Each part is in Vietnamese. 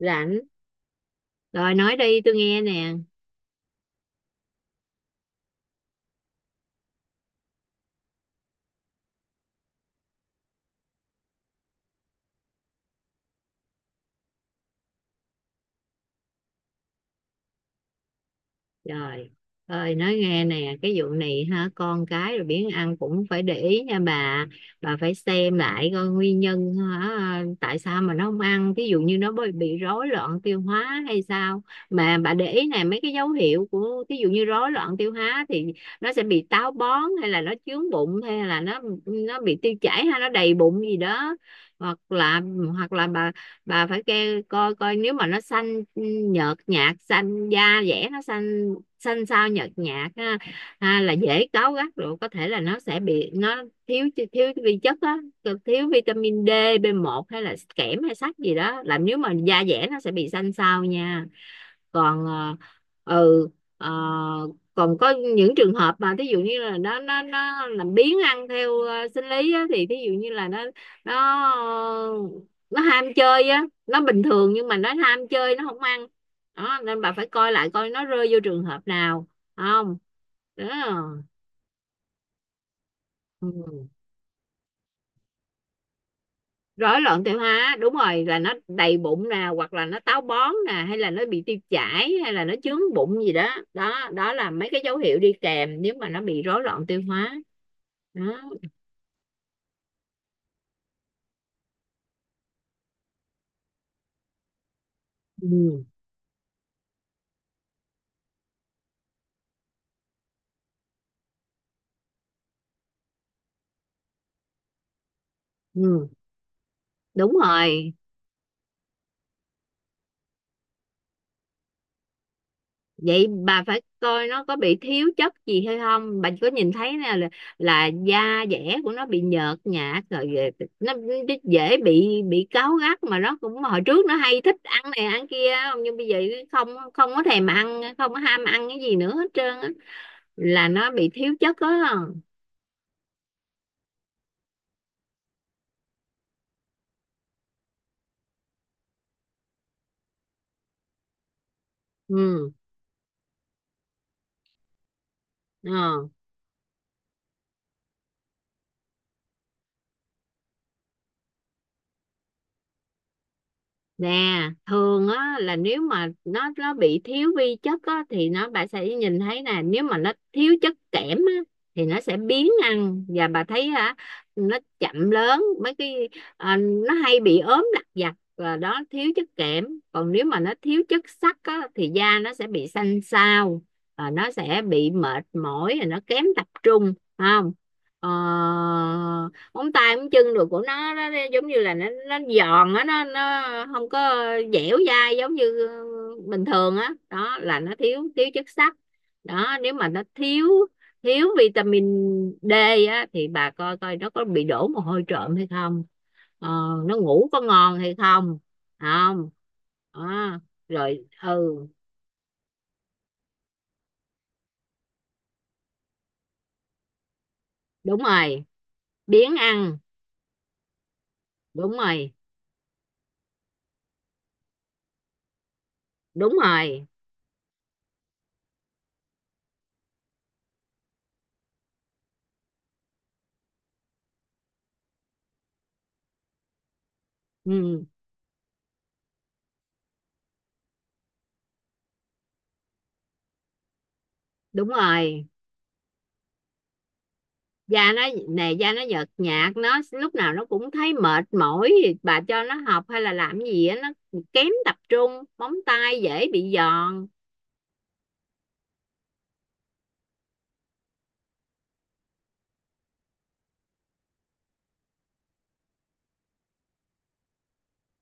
Rảnh rồi, nói đi tôi nghe nè. Trời ơi, nói nghe nè, cái vụ này ha, con cái rồi biến ăn cũng phải để ý nha Bà phải xem lại coi nguyên nhân, hả, tại sao mà nó không ăn. Ví dụ như nó bị rối loạn tiêu hóa hay sao. Mà bà để ý này, mấy cái dấu hiệu của ví dụ như rối loạn tiêu hóa thì nó sẽ bị táo bón, hay là nó chướng bụng, hay là nó bị tiêu chảy, hay nó đầy bụng gì đó. Hoặc là hoặc là bà phải coi coi nếu mà nó xanh, nhợt nhạt, xanh da dẻ, nó xanh, xanh xao, nhợt nhạt ha, ha, là dễ cáu gắt. Rồi có thể là nó sẽ bị, nó thiếu, vi chất á, thiếu vitamin D, B1, hay là kẽm hay sắt gì đó. Làm nếu mà da dẻ nó sẽ bị xanh xao nha. còn ờ, ừ ờ, còn có những trường hợp mà thí dụ như là nó làm biếng ăn theo sinh lý á, thì thí dụ như là nó, ờ, nó ham chơi á, nó bình thường nhưng mà nó ham chơi nó không ăn đó, nên bà phải coi lại coi nó rơi vô trường hợp nào không. Đó. Ừ. Rối loạn tiêu hóa đúng rồi, là nó đầy bụng nè, hoặc là nó táo bón nè, hay là nó bị tiêu chảy, hay là nó chướng bụng gì đó. Đó đó là mấy cái dấu hiệu đi kèm nếu mà nó bị rối loạn tiêu hóa. Đó. Ừ. Ừ, đúng rồi. Vậy bà phải coi nó có bị thiếu chất gì hay không. Bà có nhìn thấy nè là da dẻ của nó bị nhợt nhạt rồi nó dễ bị cáu gắt. Mà nó cũng, hồi trước nó hay thích ăn này ăn kia, không nhưng bây giờ không, không có thèm ăn, không có ham ăn cái gì nữa hết trơn á, là nó bị thiếu chất đó. ừ ờ nè, thường á, là nếu mà nó bị thiếu vi chất á thì nó, bà sẽ nhìn thấy nè. Nếu mà nó thiếu chất kẽm á thì nó sẽ biếng ăn, và bà thấy, hả, nó chậm lớn mấy cái, à, nó hay bị ốm lặt vặt, và đó thiếu chất kẽm. Còn nếu mà nó thiếu chất sắt á thì da nó sẽ bị xanh xao, và nó sẽ bị mệt mỏi, rồi nó kém tập trung, phải không. Ờ, móng tay móng chân rồi của nó, giống như là nó giòn á, nó không có dẻo dai giống như bình thường á đó. Đó là nó thiếu, thiếu chất sắt đó. Nếu mà nó thiếu, vitamin D á, thì bà coi coi nó có bị đổ mồ hôi trộm hay không, ờ, nó ngủ có ngon hay không, không đó. Rồi, ừ. Đúng rồi. Biếng ăn. Đúng rồi. Đúng rồi. Ừ, đúng rồi. Da nó nè, da nó nhợt nhạt, nó lúc nào nó cũng thấy mệt mỏi, thì bà cho nó học hay là làm gì á nó kém tập trung, móng tay dễ bị giòn.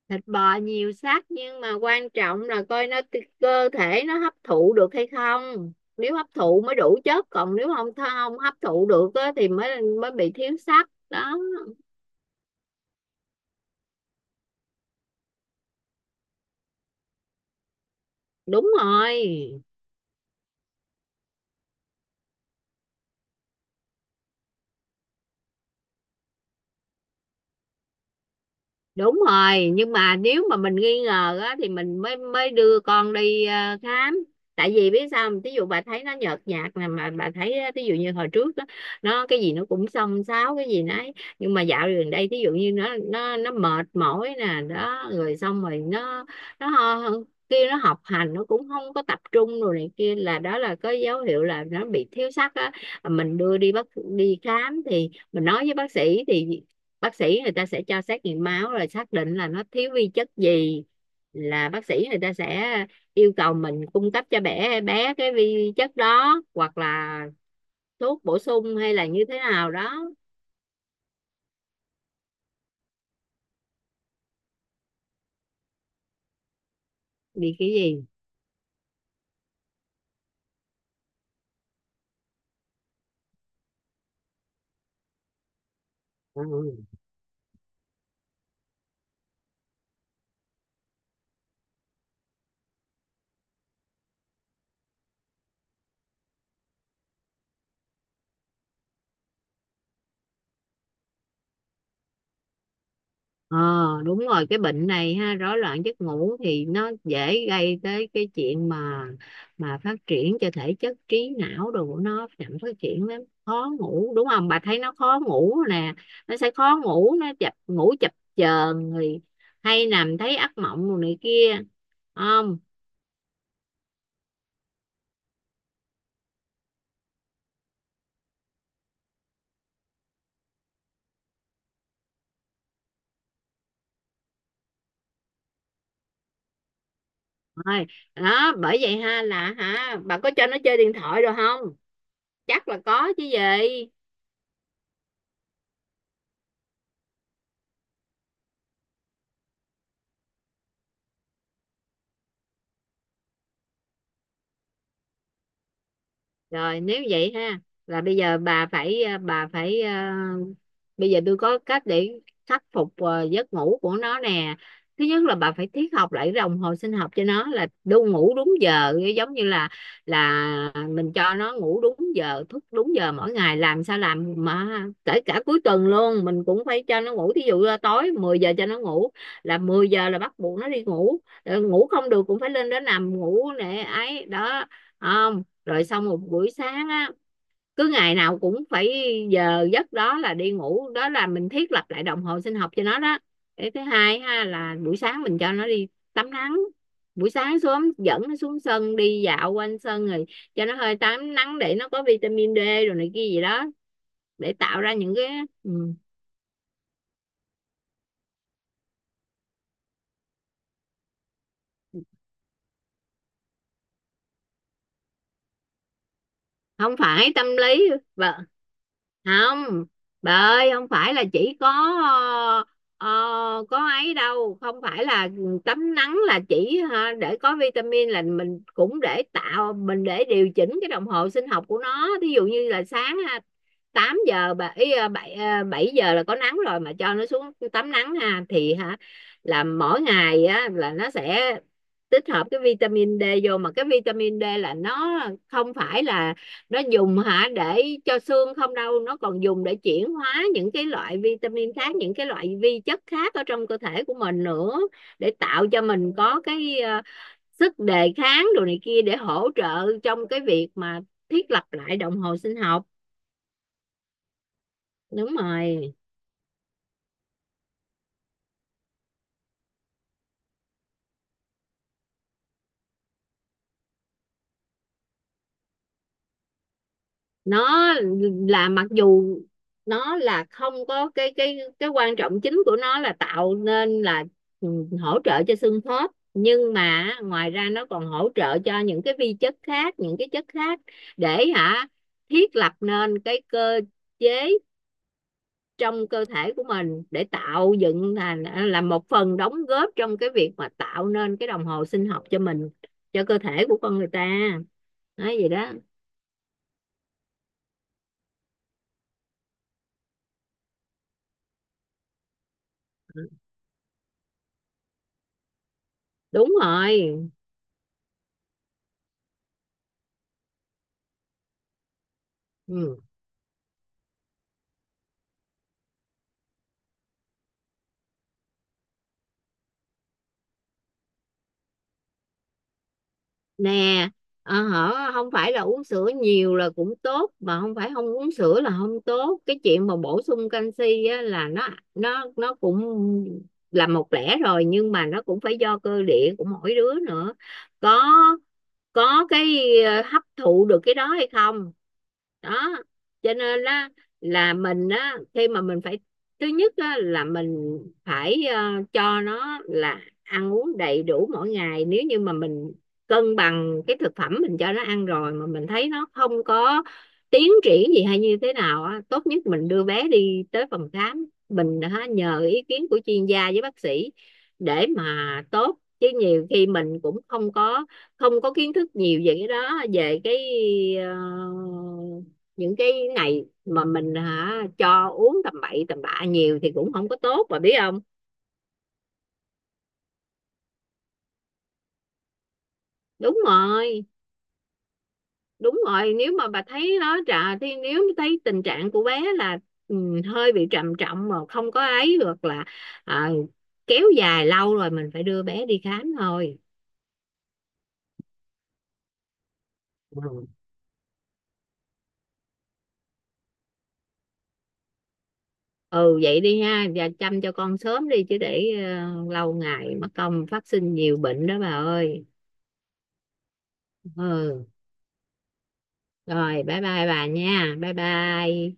Thịt bò nhiều sắt, nhưng mà quan trọng là coi nó, cơ thể nó hấp thụ được hay không. Nếu hấp thụ mới đủ chất, còn nếu không, không hấp thụ được á, thì mới, bị thiếu sắt đó. Đúng rồi. Đúng rồi, nhưng mà nếu mà mình nghi ngờ á thì mình mới, đưa con đi khám. Tại vì biết sao không? Ví dụ bà thấy nó nhợt nhạt nè, mà bà thấy á, ví dụ như hồi trước đó, nó cái gì nó cũng xông xáo cái gì nấy, nhưng mà dạo gần đây ví dụ như nó mệt mỏi nè đó, rồi xong rồi nó, nó ho- kia, nó học hành nó cũng không có tập trung rồi này kia, là đó là có dấu hiệu là nó bị thiếu sắt á. Mình đưa đi bác, đi khám thì mình nói với bác sĩ, thì bác sĩ người ta sẽ cho xét nghiệm máu rồi xác định là nó thiếu vi chất gì, là bác sĩ người ta sẽ yêu cầu mình cung cấp cho bé, bé cái vi chất đó, hoặc là thuốc bổ sung hay là như thế nào đó. Vì cái gì. Ừ. Ờ, đúng rồi, cái bệnh này ha, rối loạn giấc ngủ thì nó dễ gây tới cái chuyện mà phát triển cho thể chất, trí não đồ của nó chậm phát triển lắm. Khó ngủ đúng không, bà thấy nó khó ngủ nè, nó sẽ khó ngủ, nó chập ngủ chập chờn, rồi hay nằm thấy ác mộng rồi này kia. Không thôi đó bởi vậy ha, là, hả, bà có cho nó chơi điện thoại rồi không, chắc là có chứ gì. Rồi nếu vậy ha, là bây giờ bà phải bà phải, bây giờ tôi có cách để khắc phục giấc ngủ của nó nè. Thứ nhất là bà phải thiết học lại cái đồng hồ sinh học cho nó, là đu ngủ đúng giờ, giống như là mình cho nó ngủ đúng giờ, thức đúng giờ mỗi ngày, làm sao làm mà kể cả cuối tuần luôn mình cũng phải cho nó ngủ. Thí dụ là tối 10 giờ cho nó ngủ là 10 giờ, là bắt buộc nó đi ngủ. Ờ, ngủ không được cũng phải lên đó nằm ngủ nè, ấy đó. À, rồi xong một buổi sáng á, cứ ngày nào cũng phải giờ giấc đó là đi ngủ, đó là mình thiết lập lại đồng hồ sinh học cho nó đó. Cái thứ hai ha, là buổi sáng mình cho nó đi tắm nắng, buổi sáng sớm dẫn nó xuống sân đi dạo quanh sân, rồi cho nó hơi tắm nắng để nó có vitamin D rồi này kia gì đó, để tạo ra những cái. Ừ. Không phải tâm lý. Vợ. Không. Bà ơi, không phải là chỉ có ờ, có ấy đâu. Không phải là tắm nắng là chỉ ha, để có vitamin, là mình cũng để tạo, mình để điều chỉnh cái đồng hồ sinh học của nó. Thí dụ như là sáng 8 giờ, bảy bảy, 7 giờ là có nắng rồi mà, cho nó xuống tắm nắng ha, thì, hả, là mỗi ngày á là nó sẽ tích hợp cái vitamin D vô. Mà cái vitamin D là nó không phải là nó dùng hả để cho xương không đâu, nó còn dùng để chuyển hóa những cái loại vitamin khác, những cái loại vi chất khác ở trong cơ thể của mình nữa, để tạo cho mình có cái sức đề kháng đồ này kia, để hỗ trợ trong cái việc mà thiết lập lại đồng hồ sinh học. Đúng rồi, nó là, mặc dù nó là không có cái, cái quan trọng chính của nó là tạo nên là, ừ, hỗ trợ cho xương khớp, nhưng mà ngoài ra nó còn hỗ trợ cho những cái vi chất khác, những cái chất khác, để hả thiết lập nên cái cơ chế trong cơ thể của mình, để tạo dựng thành là một phần đóng góp trong cái việc mà tạo nên cái đồng hồ sinh học cho mình, cho cơ thể của con người ta. Nói gì đó. Đúng rồi. Ừ. Nè, hở, không phải là uống sữa nhiều là cũng tốt, mà không phải không uống sữa là không tốt. Cái chuyện mà bổ sung canxi á, là nó, nó cũng là một lẽ rồi, nhưng mà nó cũng phải do cơ địa của mỗi đứa nữa, có có cái hấp thụ được cái đó hay không. Đó, cho nên á là mình á khi mà mình phải, thứ nhất á là mình phải cho nó là ăn uống đầy đủ mỗi ngày. Nếu như mà mình cân bằng cái thực phẩm mình cho nó ăn rồi, mà mình thấy nó không có tiến triển gì hay như thế nào á, tốt nhất mình đưa bé đi tới phòng khám, mình hả, nhờ ý kiến của chuyên gia với bác sĩ để mà tốt. Chứ nhiều khi mình cũng không có, không có kiến thức nhiều về cái đó, về cái ờ, những cái này, mà mình hả cho uống tầm bậy tầm bạ nhiều thì cũng không có tốt, bà biết không. Đúng rồi. Đúng rồi, nếu mà bà thấy nó trà thì, nếu thấy tình trạng của bé là ừ, hơi bị trầm trọng, mà không có ấy, hoặc là à, kéo dài lâu rồi mình phải đưa bé đi khám thôi. Ừ. Ừ, vậy đi ha, và chăm cho con sớm đi, chứ để lâu ngày mất công phát sinh nhiều bệnh đó bà ơi. Ừ. Rồi, bye bye bà nha, bye bye.